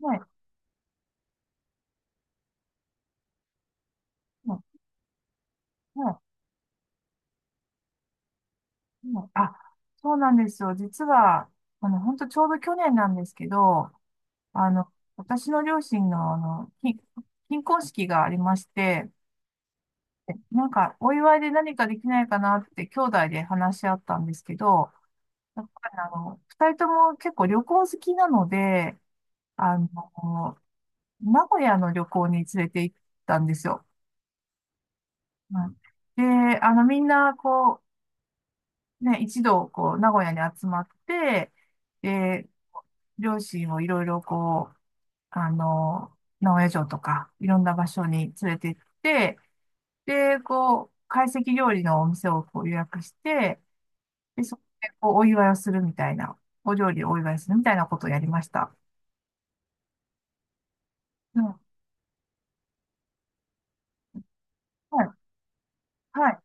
はい、はい、はい、はいあ、そうなんですよ。実は、本当ちょうど去年なんですけど、あの、私の両親の、金婚式がありまして、なんか、お祝いで何かできないかなって、兄弟で話し合ったんですけど、やっぱり二人とも結構旅行好きなので、あの、名古屋の旅行に連れて行ったんですよ。うん。で、みんな、こう、ね、一度、こう、名古屋に集まって、で、両親をいろいろ、こう、名古屋城とか、いろんな場所に連れて行って、で、こう、懐石料理のお店をこう予約して、で、そこで、こう、お祝いをするみたいな、お料理をお祝いするみたいなことをやりました。うん。はい。は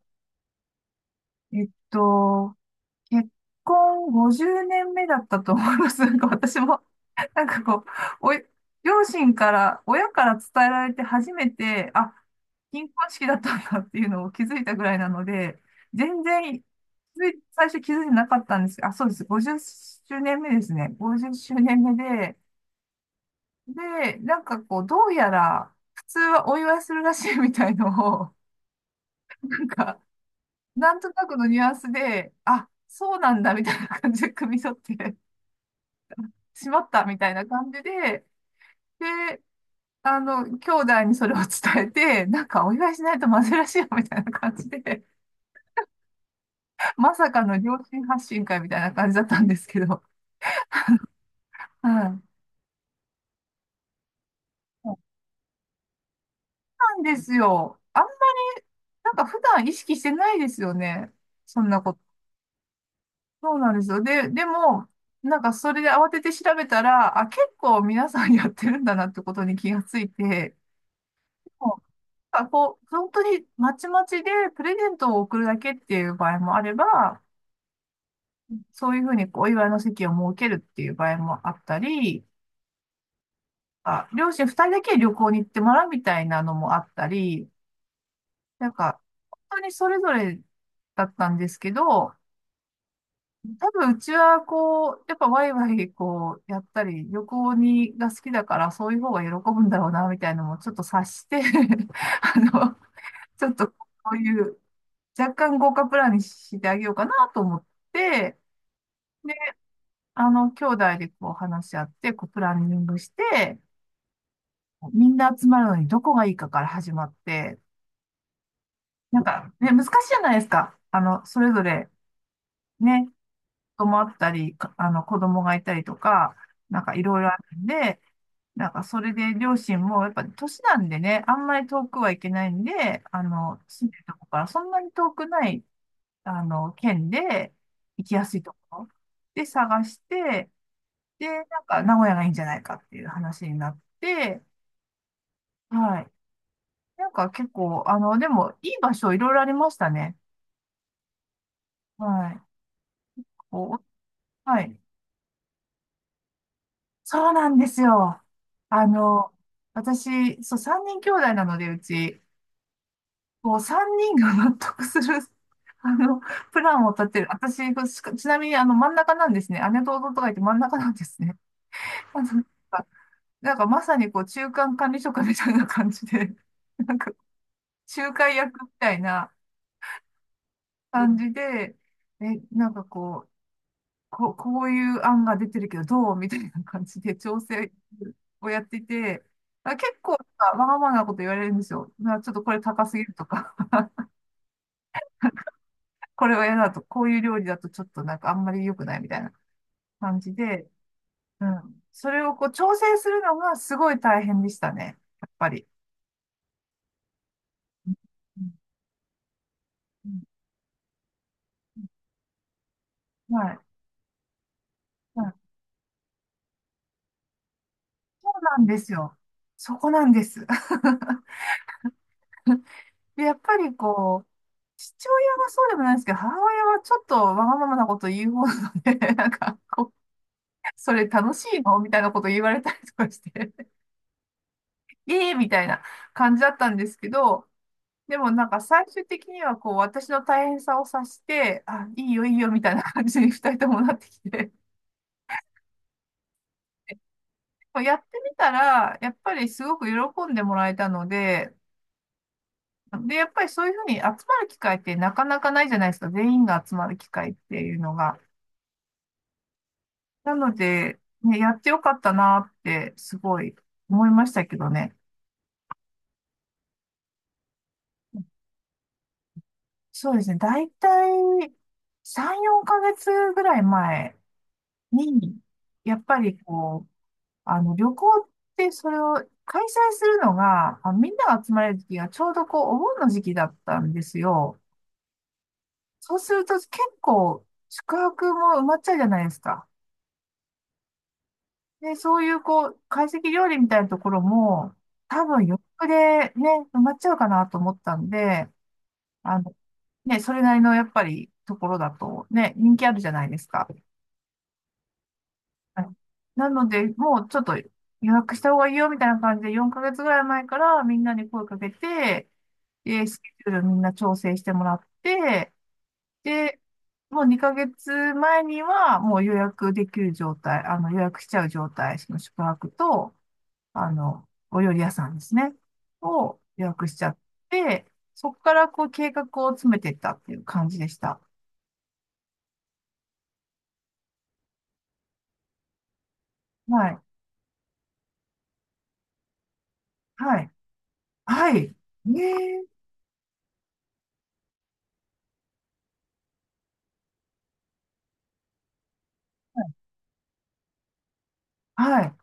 い。結婚50年目だったと思います。なんか私も、なんかこう、おい、両親から、親から伝えられて初めて、あ、金婚式だったんだっていうのを気づいたぐらいなので、全然、つい最初気づいてなかったんですけど、あ、そうです。50周年目ですね。50周年目で、なんかこう、どうやら、普通はお祝いするらしいみたいのを、なんか、なんとなくのニュアンスで、あ、そうなんだみたいな感じで汲み取って、しまったみたいな感じで、で、兄弟にそれを伝えて、なんかお祝いしないとまずいらしいよみたいな感じで、まさかの両親発信会みたいな感じだったんですけど、はい。そうなんですよ。なんか普段意識してないですよね。そんなこと。そうなんですよ。でも、なんかそれで慌てて調べたら、あ、結構皆さんやってるんだなってことに気がついて、もうなんかこう、本当にまちまちでプレゼントを送るだけっていう場合もあれば、そういうふうにお祝いの席を設けるっていう場合もあったり、あ、両親二人だけ旅行に行ってもらうみたいなのもあったり、なんか、本当にそれぞれだったんですけど、多分うちはこう、やっぱワイワイこうやったり、旅行にが好きだからそういう方が喜ぶんだろうな、みたいなのもちょっと察して あの、ちょっとこういう若干豪華プランにしてあげようかなと思って、で兄弟でこう話し合って、こうプランニングして、みんな集まるのにどこがいいかから始まって、なんかね、難しいじゃないですか。それぞれね、子供あったり、かあの、子供がいたりとか、なんかいろいろあるんで、なんかそれで両親もやっぱ年なんでね、あんまり遠くはいけないんで、住んでるとこからそんなに遠くない、県で行きやすいところで探して、で、なんか、名古屋がいいんじゃないかっていう話になって、はい。なんか結構、でも、いい場所いろいろありましたね。はい。こう、はい。そうなんですよ。あの、私、そう、3人兄弟なので、うち、こう、3人が納得する、あの、プランを立てる。私、ちなみに、真ん中なんですね。姉と弟がいて真ん中なんですね。あの、なんか、なんか、まさに、こう、中間管理職みたいな感じで、なんか、仲介役みたいな、感じで、え、なんかこう、こういう案が出てるけど、どうみたいな感じで調整をやっていて、あ、結構なんかわがままなこと言われるんですよ。ちょっとこれ高すぎるとか、これは嫌だと、こういう料理だとちょっとなんかあんまり良くないみたいな感じで、うん。それをこう調整するのがすごい大変でしたね。やっぱり。うんうん。はい。うん。そうなんですよ。そこなんです。で、やっぱりこう、父親がそうでもないですけど、母親はちょっとわがままなこと言う方なので、なんか、こう、それ楽しいのみたいなこと言われたりとかして、ええみたいな感じだったんですけど、でもなんか最終的にはこう、私の大変さを察して、あ、いいよいいよみたいな感じに 二人ともなってきて、やってみたら、やっぱりすごく喜んでもらえたので、で、やっぱりそういうふうに集まる機会ってなかなかないじゃないですか。全員が集まる機会っていうのが。なので、ね、やってよかったなって、すごい思いましたけどね。そうですね。だいたい3、4ヶ月ぐらい前に、やっぱりこう、旅行ってそれを開催するのが、あ、みんなが集まれる時がちょうどこう、お盆の時期だったんですよ。そうすると結構宿泊も埋まっちゃうじゃないですか。で、そういうこう、懐石料理みたいなところも、多分予約でね、埋まっちゃうかなと思ったんで、あの、ね、それなりのやっぱりところだとね、人気あるじゃないですか。はい。なので、もうちょっと予約した方がいいよみたいな感じで4ヶ月ぐらい前からみんなに声かけて、で、スケジュールみんな調整してもらって、で、もう2ヶ月前にはもう予約できる状態、あの予約しちゃう状態、その宿泊と、あの、お料理屋さんですね、を予約しちゃって、そこからこう計画を詰めていったっていう感じでした。はい。はい。はい。ねえ。はい。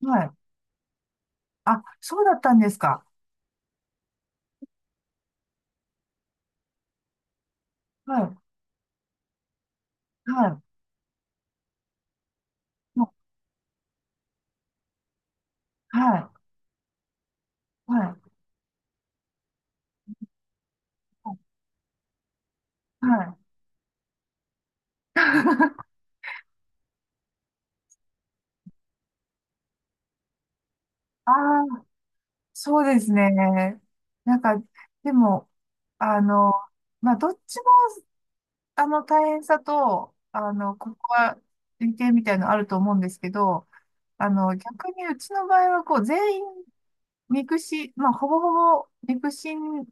はい。あ、そうだったんですか。はい。はい。もう、はい。はい。はい。ああ、そうですね。なんか、でも、あの、まあ、どっちも、大変さと、ここは、利点みたいなのあると思うんですけど、逆にうちの場合は、こう、全員ミクシィ、まあ、ほぼほぼミクシに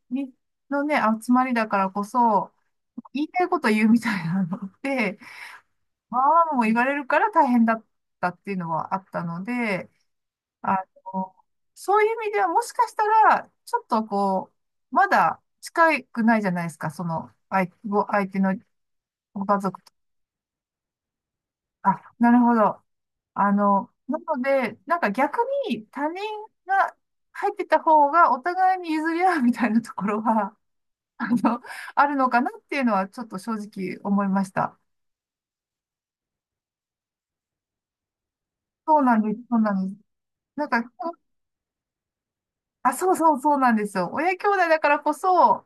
のね、集まりだからこそ、言いたいこと言うみたいなので、まあまあも言われるから大変だったっていうのはあったので、あの、そういう意味ではもしかしたら、ちょっとこう、まだ近くないじゃないですか、その、相手のご家族と。あ、なるほど。なので、なんか逆に他人が入ってた方がお互いに譲り合うみたいなところは、あのあるのかなっていうのはちょっと正直思いました。そうなんです、そうなんです。なんか、あ、そうそう、そうなんですよ。親兄弟だからこそ、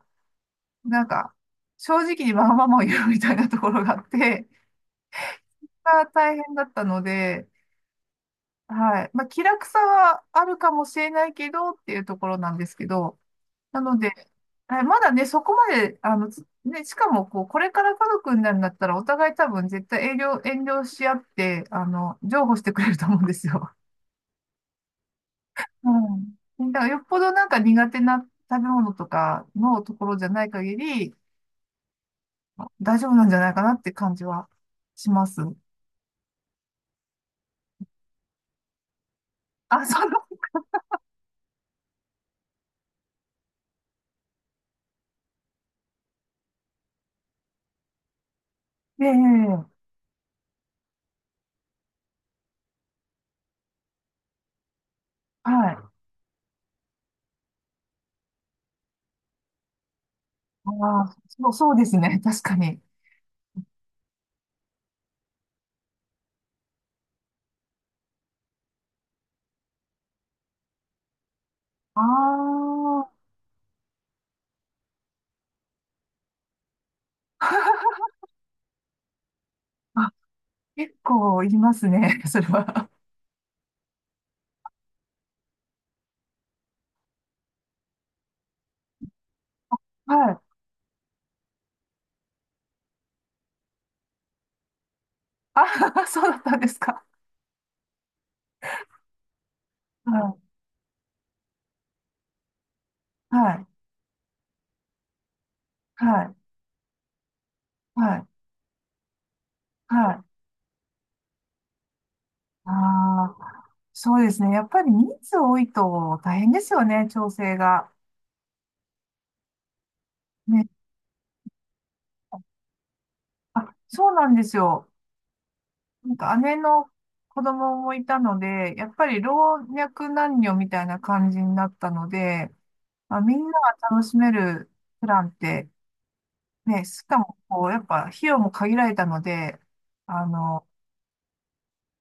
なんか、正直にわがままを言うみたいなところがあって、が大変だったので、はい。まあ、気楽さはあるかもしれないけどっていうところなんですけど、なので、はい、まだね、そこまで、しかも、こう、これから家族になるんだったら、お互い多分絶対遠慮し合って、譲歩してくれると思うんですよ。うん。だからよっぽどなんか苦手な食べ物とかのところじゃない限り、大丈夫なんじゃないかなって感じはします。あ、そう、ええ、はい。ああ、そう、そうですね。確かに。ああ、あ、結構いりますね。それは。はい。あ、そうだったんですか。はい。はい。はい。はい。はい。ああ、そうですね。やっぱり人数多いと大変ですよね、調整が。ね。あ、そうなんですよ。なんか姉の子供もいたので、やっぱり老若男女みたいな感じになったので、まあ、みんなが楽しめるプランって、ね、しかもこう、やっぱ費用も限られたので、あの、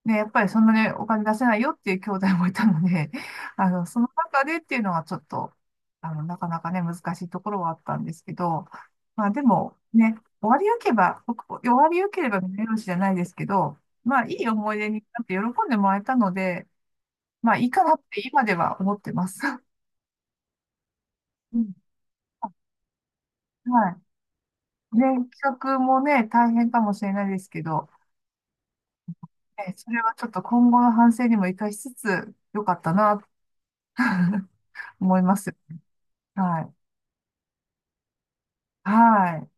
ね、やっぱりそんなね、お金出せないよっていう兄弟もいたので、その中でっていうのはちょっと、なかなかね、難しいところはあったんですけど、まあでもね、終わりよければ見よしじゃないですけど、まあいい思い出になって喜んでもらえたので、まあいいかなって今では思ってます。うん。はい。ね、企画もね、大変かもしれないですけど、ね、それはちょっと今後の反省にも生かしつつ、良かったな、思います。はい。はい。